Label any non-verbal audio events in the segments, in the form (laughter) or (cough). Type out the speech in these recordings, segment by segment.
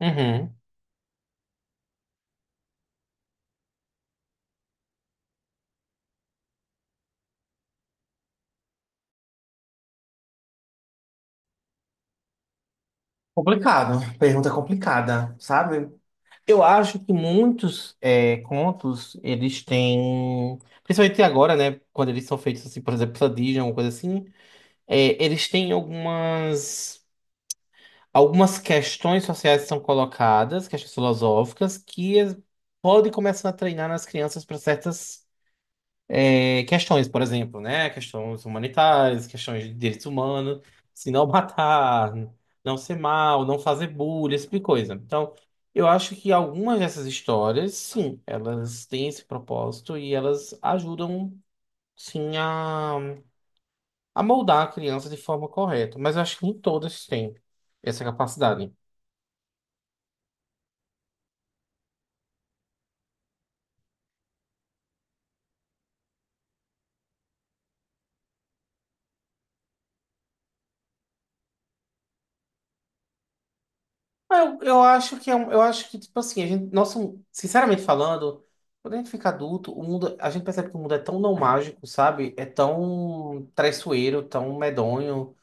Uhum. Complicado, pergunta complicada, sabe? Eu acho que muitos contos, eles têm, principalmente agora, né, quando eles são feitos assim, por exemplo, pela Disney, alguma coisa assim, eles têm algumas questões sociais que são colocadas, questões filosóficas, que podem começar a treinar nas crianças para certas questões, por exemplo, né? Questões humanitárias, questões de direitos humanos, se não matar, não ser mal, não fazer bullying, esse tipo de coisa. Então, eu acho que algumas dessas histórias, sim, elas têm esse propósito e elas ajudam, sim, a moldar a criança de forma correta. Mas eu acho que nem todas têm essa capacidade. Ah, eu acho que eu acho que, tipo assim, a gente, nossa, sinceramente falando, quando a gente fica adulto, a gente percebe que o mundo é tão não mágico, sabe? É tão traiçoeiro, tão medonho.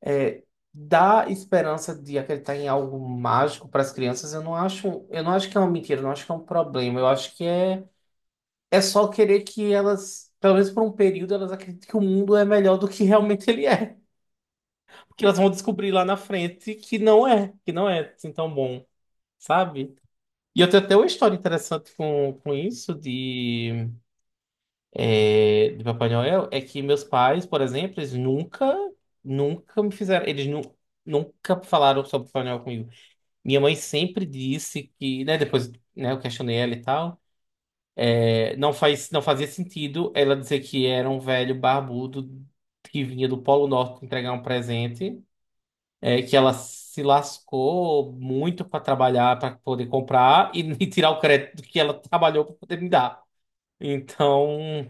É, dá esperança de acreditar em algo mágico para as crianças, eu não acho que é uma mentira, eu não acho que é um problema. Eu acho que é, é só querer que elas, pelo menos por um período, elas acreditem que o mundo é melhor do que realmente ele é. Que elas vão descobrir lá na frente que não é assim tão bom, sabe? E eu tenho até uma história interessante com isso de, de Papai Noel, é que meus pais, por exemplo, eles nunca, nunca me fizeram, nunca falaram sobre Papai Noel comigo. Minha mãe sempre disse que, né, depois, né, eu questionei ela e tal, não fazia sentido ela dizer que era um velho barbudo que vinha do Polo Norte entregar um presente, que ela se lascou muito para trabalhar, para poder comprar e, (laughs) e tirar o crédito que ela trabalhou para poder me dar. Então,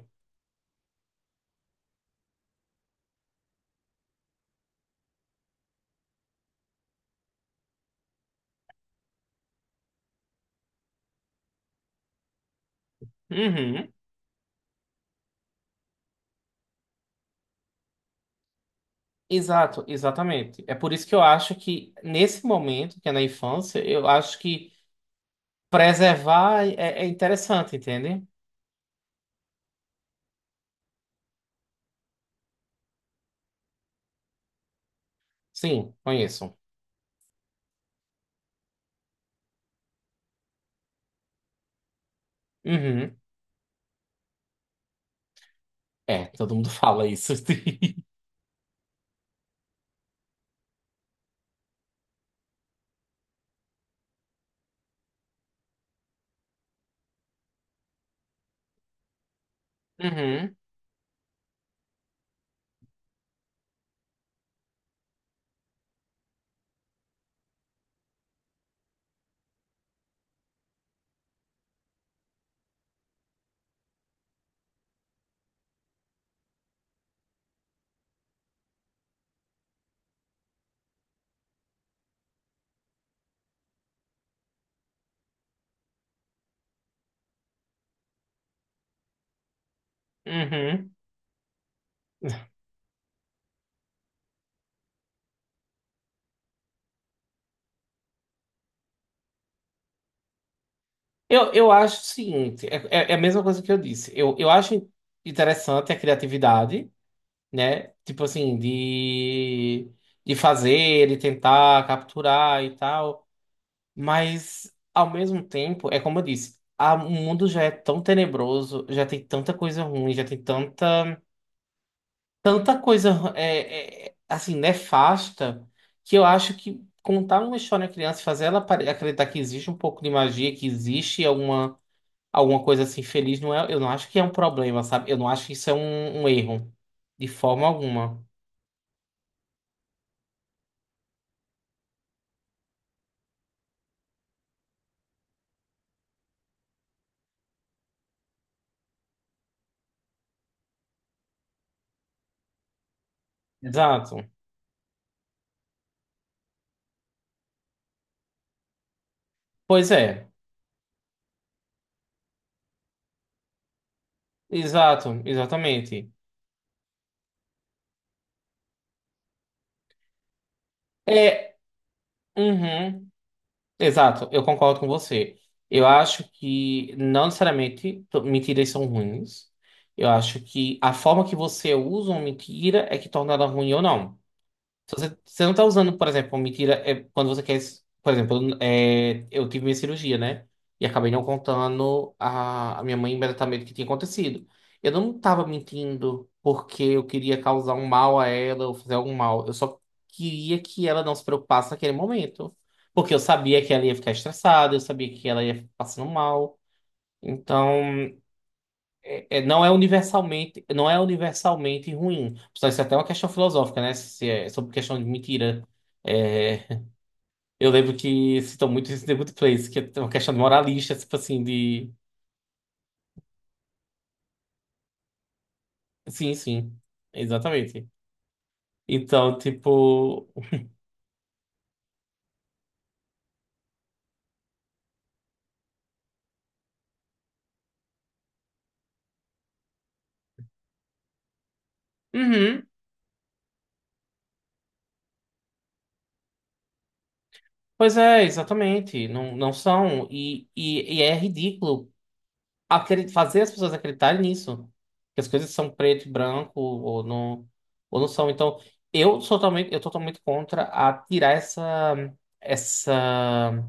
uhum, exato, exatamente. É por isso que eu acho que nesse momento, que é na infância, eu acho que preservar é interessante, entende? Sim, conheço. Uhum. É, todo mundo fala isso. (laughs) Uhum, uhum. Eu acho o seguinte, é a mesma coisa que eu disse. Eu acho interessante a criatividade, né? Tipo assim, de fazer, de tentar capturar e tal. Mas, ao mesmo tempo, é como eu disse, o mundo já é tão tenebroso, já tem tanta coisa ruim, tanta coisa, assim, nefasta, que eu acho que contar uma história à criança, acreditar que existe um pouco de magia, alguma coisa assim feliz, eu não acho que é um problema, sabe? Eu não acho que isso é um erro, de forma alguma. Exato. Pois é, exatamente. É, uhum. Exato, eu concordo com você. Eu acho que não necessariamente to- mentiras são ruins. Eu acho que a forma que você usa uma mentira é que torna ela ruim ou não. Se você, você não tá usando, por exemplo, mentira, é quando você quer. Por exemplo, eu tive minha cirurgia, né? E acabei não contando a minha mãe imediatamente o que tinha acontecido. Eu não tava mentindo porque eu queria causar um mal a ela ou fazer algum mal. Eu só queria que ela não se preocupasse naquele momento. Porque eu sabia que ela ia ficar estressada, eu sabia que ela ia ficar passando mal. Então não é universalmente ruim. Só isso é até uma questão filosófica, né? Se é sobre questão de mentira. É, eu lembro que citam muito isso em The Good Place, que é uma questão de moralista, tipo assim, de. Sim, sim. Exatamente. Então, tipo. Uhum. Pois é, exatamente. Não, não são. E é ridículo. Fazer as pessoas acreditarem nisso. Que as coisas são preto e branco, ou não são. Então, eu tô totalmente contra a tirar essa. Essa.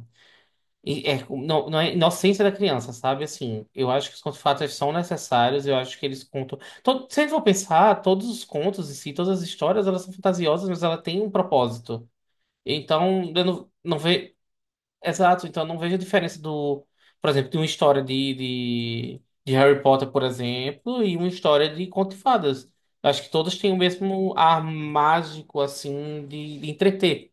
É, não, não é inocência da criança, sabe? Assim, eu acho que os contos fatos são necessários, eu acho que eles contam. Todo, se a gente for pensar, todos os contos em si, todas as histórias, elas são fantasiosas, mas ela tem um propósito. Então, eu não, não vejo. Exato, então não vejo a diferença do, por exemplo, de uma história de Harry Potter, por exemplo, e uma história de Conto de Fadas. Acho que todas têm o mesmo ar mágico, assim, de entreter.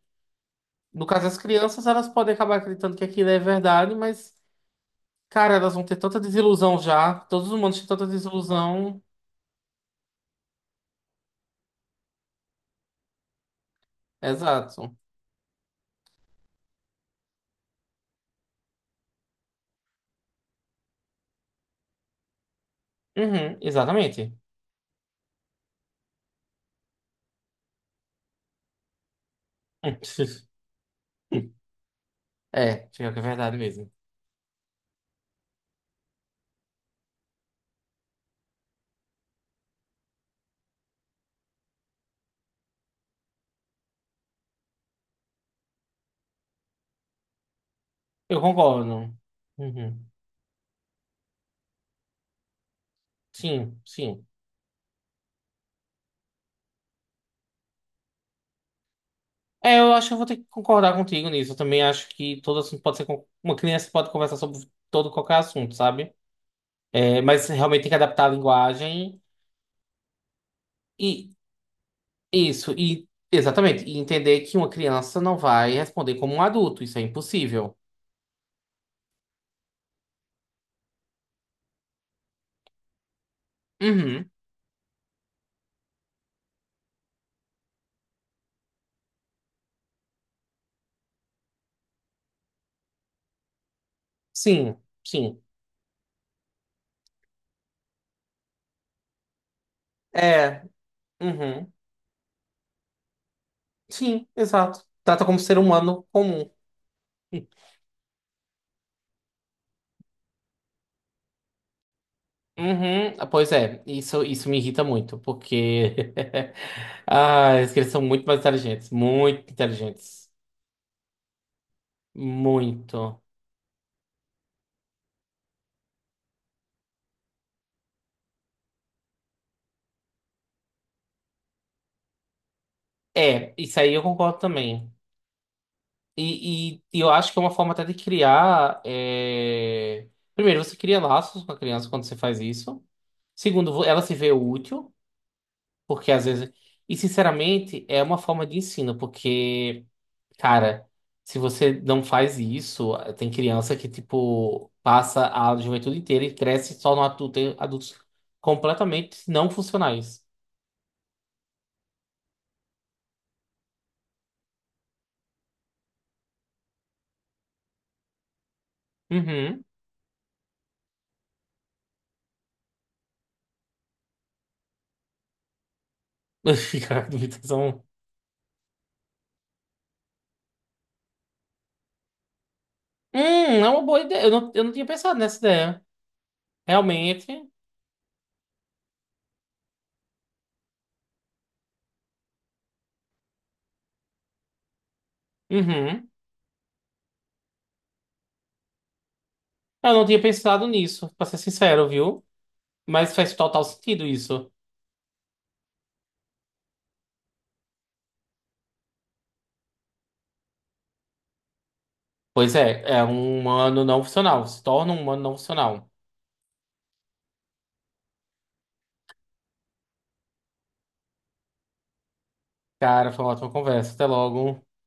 No caso das crianças, elas podem acabar acreditando que aquilo é verdade, mas, cara, elas vão ter tanta desilusão já. Todos os humanos têm tanta desilusão. Exato. Uhum, exatamente. (laughs) É, pior que é verdade mesmo. Eu concordo. Uhum. Sim, sim. É, eu acho que eu vou ter que concordar contigo nisso. Eu também acho que todo assunto pode ser. Uma criança pode conversar sobre todo qualquer assunto, sabe? É, mas realmente tem que adaptar a linguagem e isso, e exatamente, e entender que uma criança não vai responder como um adulto, isso é impossível. Uhum. Sim, sim. É, uhum. Sim, exato. Trata como ser humano comum. Uhum. Ah, pois é, isso me irrita muito, porque (laughs) ah, eles são muito mais inteligentes, muito inteligentes. Muito. É, isso aí eu concordo também. E eu acho que é uma forma até de criar. Primeiro, você cria laços com a criança quando você faz isso. Segundo, ela se vê útil, porque às vezes. E sinceramente, é uma forma de ensino, porque, cara, se você não faz isso, tem criança que, tipo, passa a juventude inteira e cresce só no adulto, tem adultos completamente não funcionais. Uhum. (laughs) Cara, hum, é uma boa ideia. Eu não tinha pensado nessa ideia. Realmente. Uhum. Eu não tinha pensado nisso, pra ser sincero, viu? Mas faz total sentido isso. Pois é, é um humano não funcional. Se torna um humano não funcional. Cara, foi uma ótima conversa. Até logo.